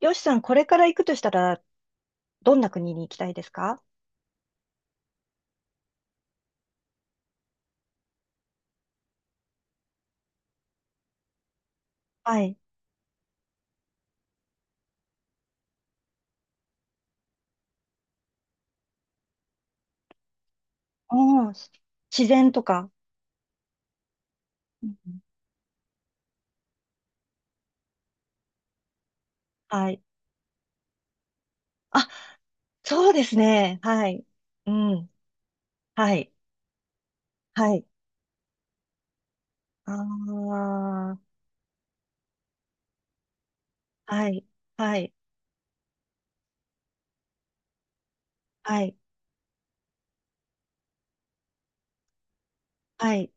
よしさん、これから行くとしたら、どんな国に行きたいですか？はい。おー、自然とか。うんうん。はい。あ、そうですね。はい。うん。はい。はい。ああ。はい。はい。はい。はい。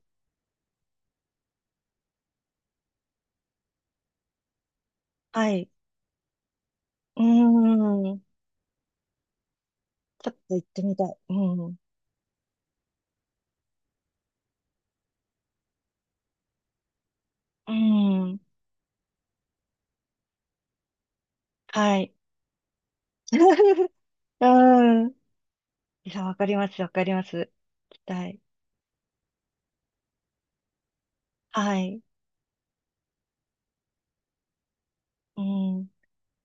はい。うーん。ちょっと行ってみたい。うん。うーん。はい。うーん。いや、わかります。わかります。行きたい。はい。うん。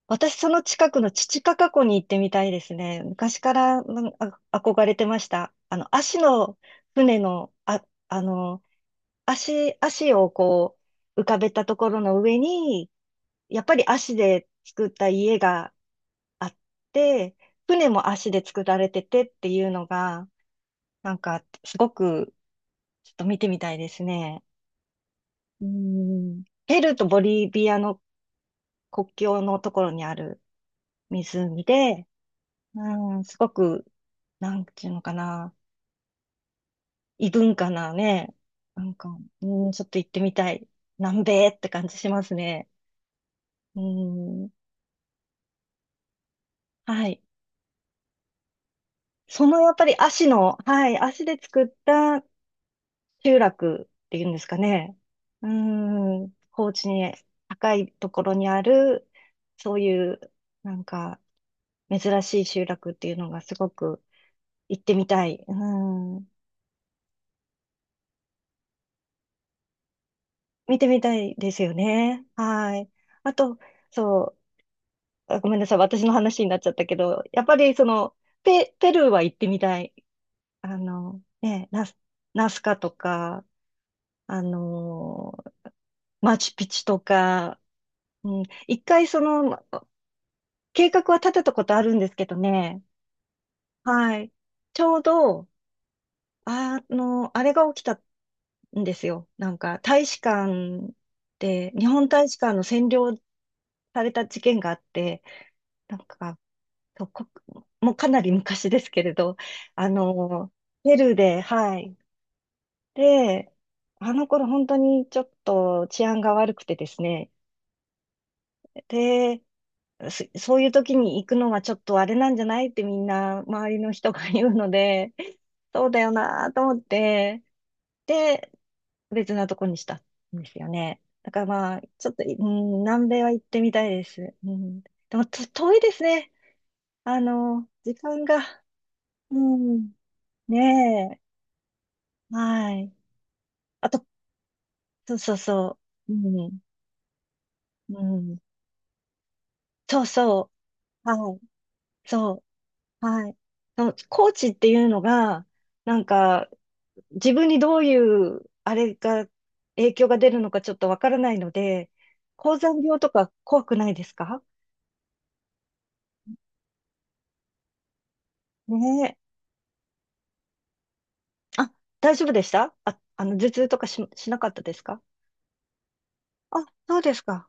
私、その近くのチチカカ湖に行ってみたいですね。昔からなんあ憧れてました。あの、足の船の、あ、あの、足をこう、浮かべたところの上に、やっぱり足で作った家があって、船も足で作られててっていうのが、なんか、すごく、ちょっと見てみたいですね。うん。ペルーとボリビアの国境のところにある湖で、うん、すごく、なんていうのかな、異文化なね、なんか、うん、ちょっと行ってみたい。南米って感じしますね。うん、はい。そのやっぱり足の、はい、足で作った集落っていうんですかね。うん、高地に高いところにある、そういう、なんか、珍しい集落っていうのがすごく行ってみたい。うん、見てみたいですよね。はい。あと、そう、あ、ごめんなさい、私の話になっちゃったけど、やっぱりその、ペルーは行ってみたい。あの、ね、ナスカとか、あの、マチュピチュとか、うん、一回その、計画は立てたことあるんですけどね、はい。ちょうど、あの、あれが起きたんですよ。なんか、大使館で、日本大使館の占領された事件があって、なんか、と、こ、もうかなり昔ですけれど、あの、ペルーで、はい。で、あの頃本当にちょっと治安が悪くてですね。で、そういう時に行くのはちょっとあれなんじゃないってみんな周りの人が言うので、そうだよなと思って、で、別なとこにしたんですよね。だからまあ、ちょっと、うん、南米は行ってみたいです。うん、でもと遠いですね。あの、時間が。うん。ねえ。はい。あと、そうそうそう。うん。うん。そうそう。はい。そう。はい。そのコーチっていうのが、なんか、自分にどういう、あれが、影響が出るのかちょっとわからないので、高山病とか怖くないですか？ねえ。あ、大丈夫でしたあ、あの、頭痛とかし、しなかったですか？あ、そうですか。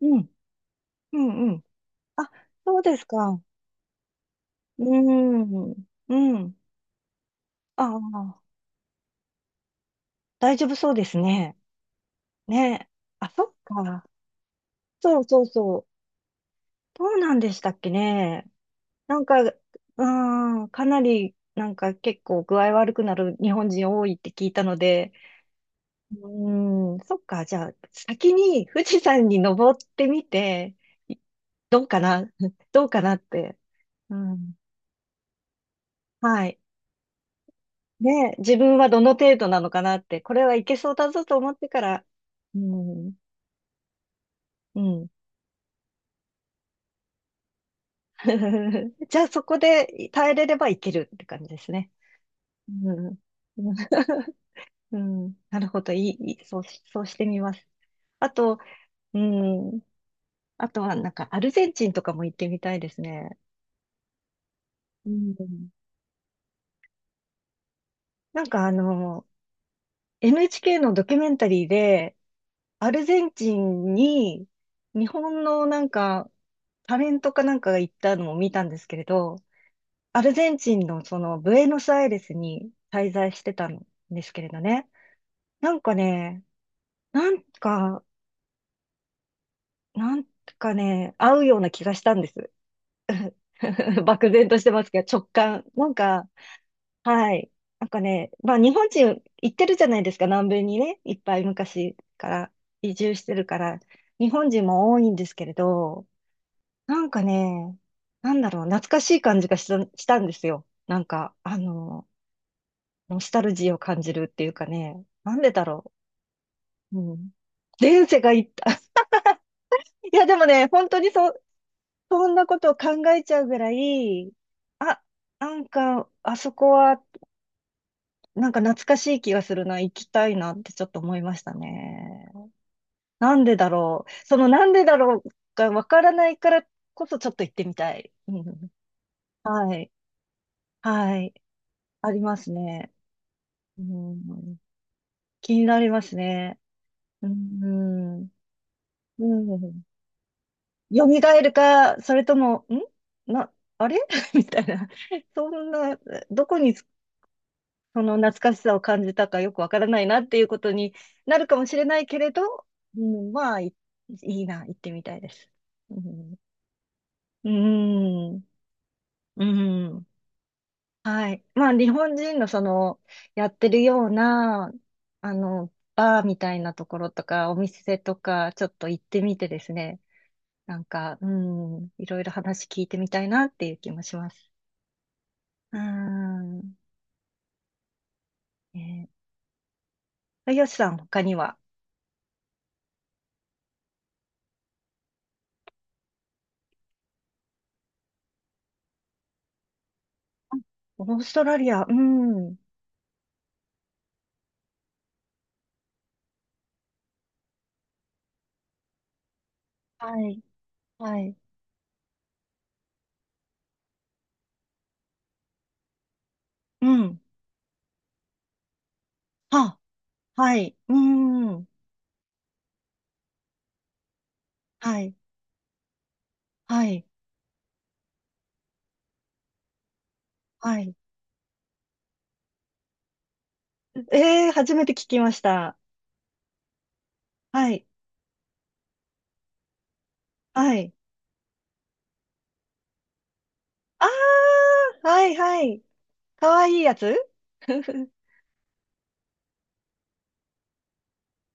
うん。うんうん。あ、そうですか。うん。うん。ああ。大丈夫そうですね。ね。あ、そっか。そうそうそう。どうなんでしたっけね。なんか、うーん、かなり、なんか結構具合悪くなる日本人多いって聞いたので、うーん、そっか。じゃあ、先に富士山に登ってみて、いどうかな、どうかなって。うん。はい。ね、自分はどの程度なのかなって、これはいけそうだぞと思ってから、うん、うん。じゃあそこで耐えれればいけるって感じですね。うん。うん。うんなるほど。いい。そうしてみます。あと、うん。あとはなんかアルゼンチンとかも行ってみたいですね。うん。なんかあの、NHK のドキュメンタリーで、アルゼンチンに日本のなんかタレントかなんかが行ったのを見たんですけれど、アルゼンチンのそのブエノスアイレスに滞在してたんですけれどね。なんかね、なんか、なんかね、合うような気がしたんです。漠然としてますけど、直感。なんか、はい。なんかね、まあ日本人行ってるじゃないですか、南米にね、いっぱい昔から移住してるから、日本人も多いんですけれど、なんかね、なんだろう、懐かしい感じがした、したんですよ。なんか、あの、ノスタルジーを感じるっていうかね、なんでだろう。うん。前世がいった。いや、でもね、本当にそう、そんなことを考えちゃうぐらい、あ、なんか、あそこは、なんか懐かしい気がするな、行きたいなってちょっと思いましたね。なんでだろう。そのなんでだろうがわからないからこそちょっと行ってみたい。うん。はい。はい。ありますね。うん、気になりますね。うん。うん。蘇るか、それとも、んな、あれ みたいな。そんな、どこにその懐かしさを感じたかよくわからないなっていうことになるかもしれないけれど、うん、まあ、いいな、行ってみたいです。うん。うん。うん。はい。まあ、日本人のその、やってるような、あの、バーみたいなところとか、お店とか、ちょっと行ってみてですね、なんか、うん、いろいろ話聞いてみたいなっていう気もします。うん。えー、よしさん、他には、オーストラリア、うん。はい。はい。うん。は、はい。うーん。はい。はい。はい。えー、初めて聞きました。はい。はい。あー、はい、はい。かわいいやつ。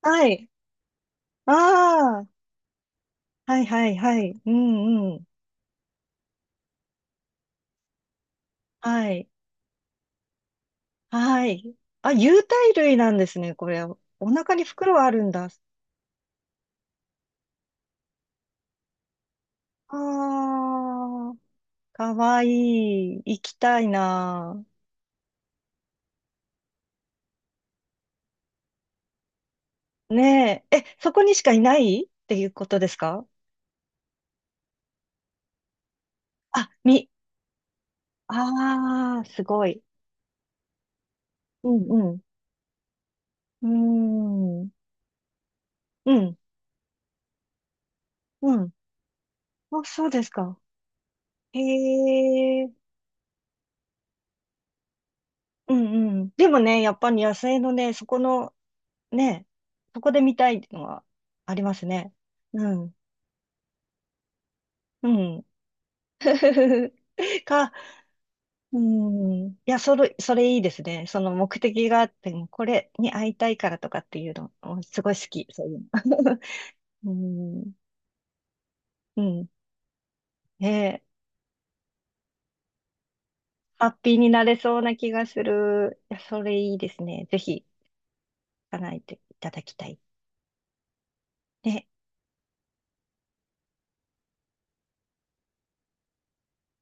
はい。あー、はい、はい、はい。うん、うん。はい。はい。あ、有袋類なんですね、これ。お腹に袋あるんだ。あー、かわいい。行きたいな。ねえ。え、そこにしかいないっていうことですか？あ、み、ああ、すごい。うんうん。うーん。うん。うん。あ、そうですか。へえ。うんうん。でもね、やっぱり野生のね、そこの、ね、そこで見たいっていうのはありますね。うん。うん。か、うん。いや、それいいですね。その目的があって、もうこれに会いたいからとかっていうの、すごい好き、そういうの。うん。うん。ねえ。ハッピーになれそうな気がする。いや、それいいですね。ぜひ、叶えていただきたい。ね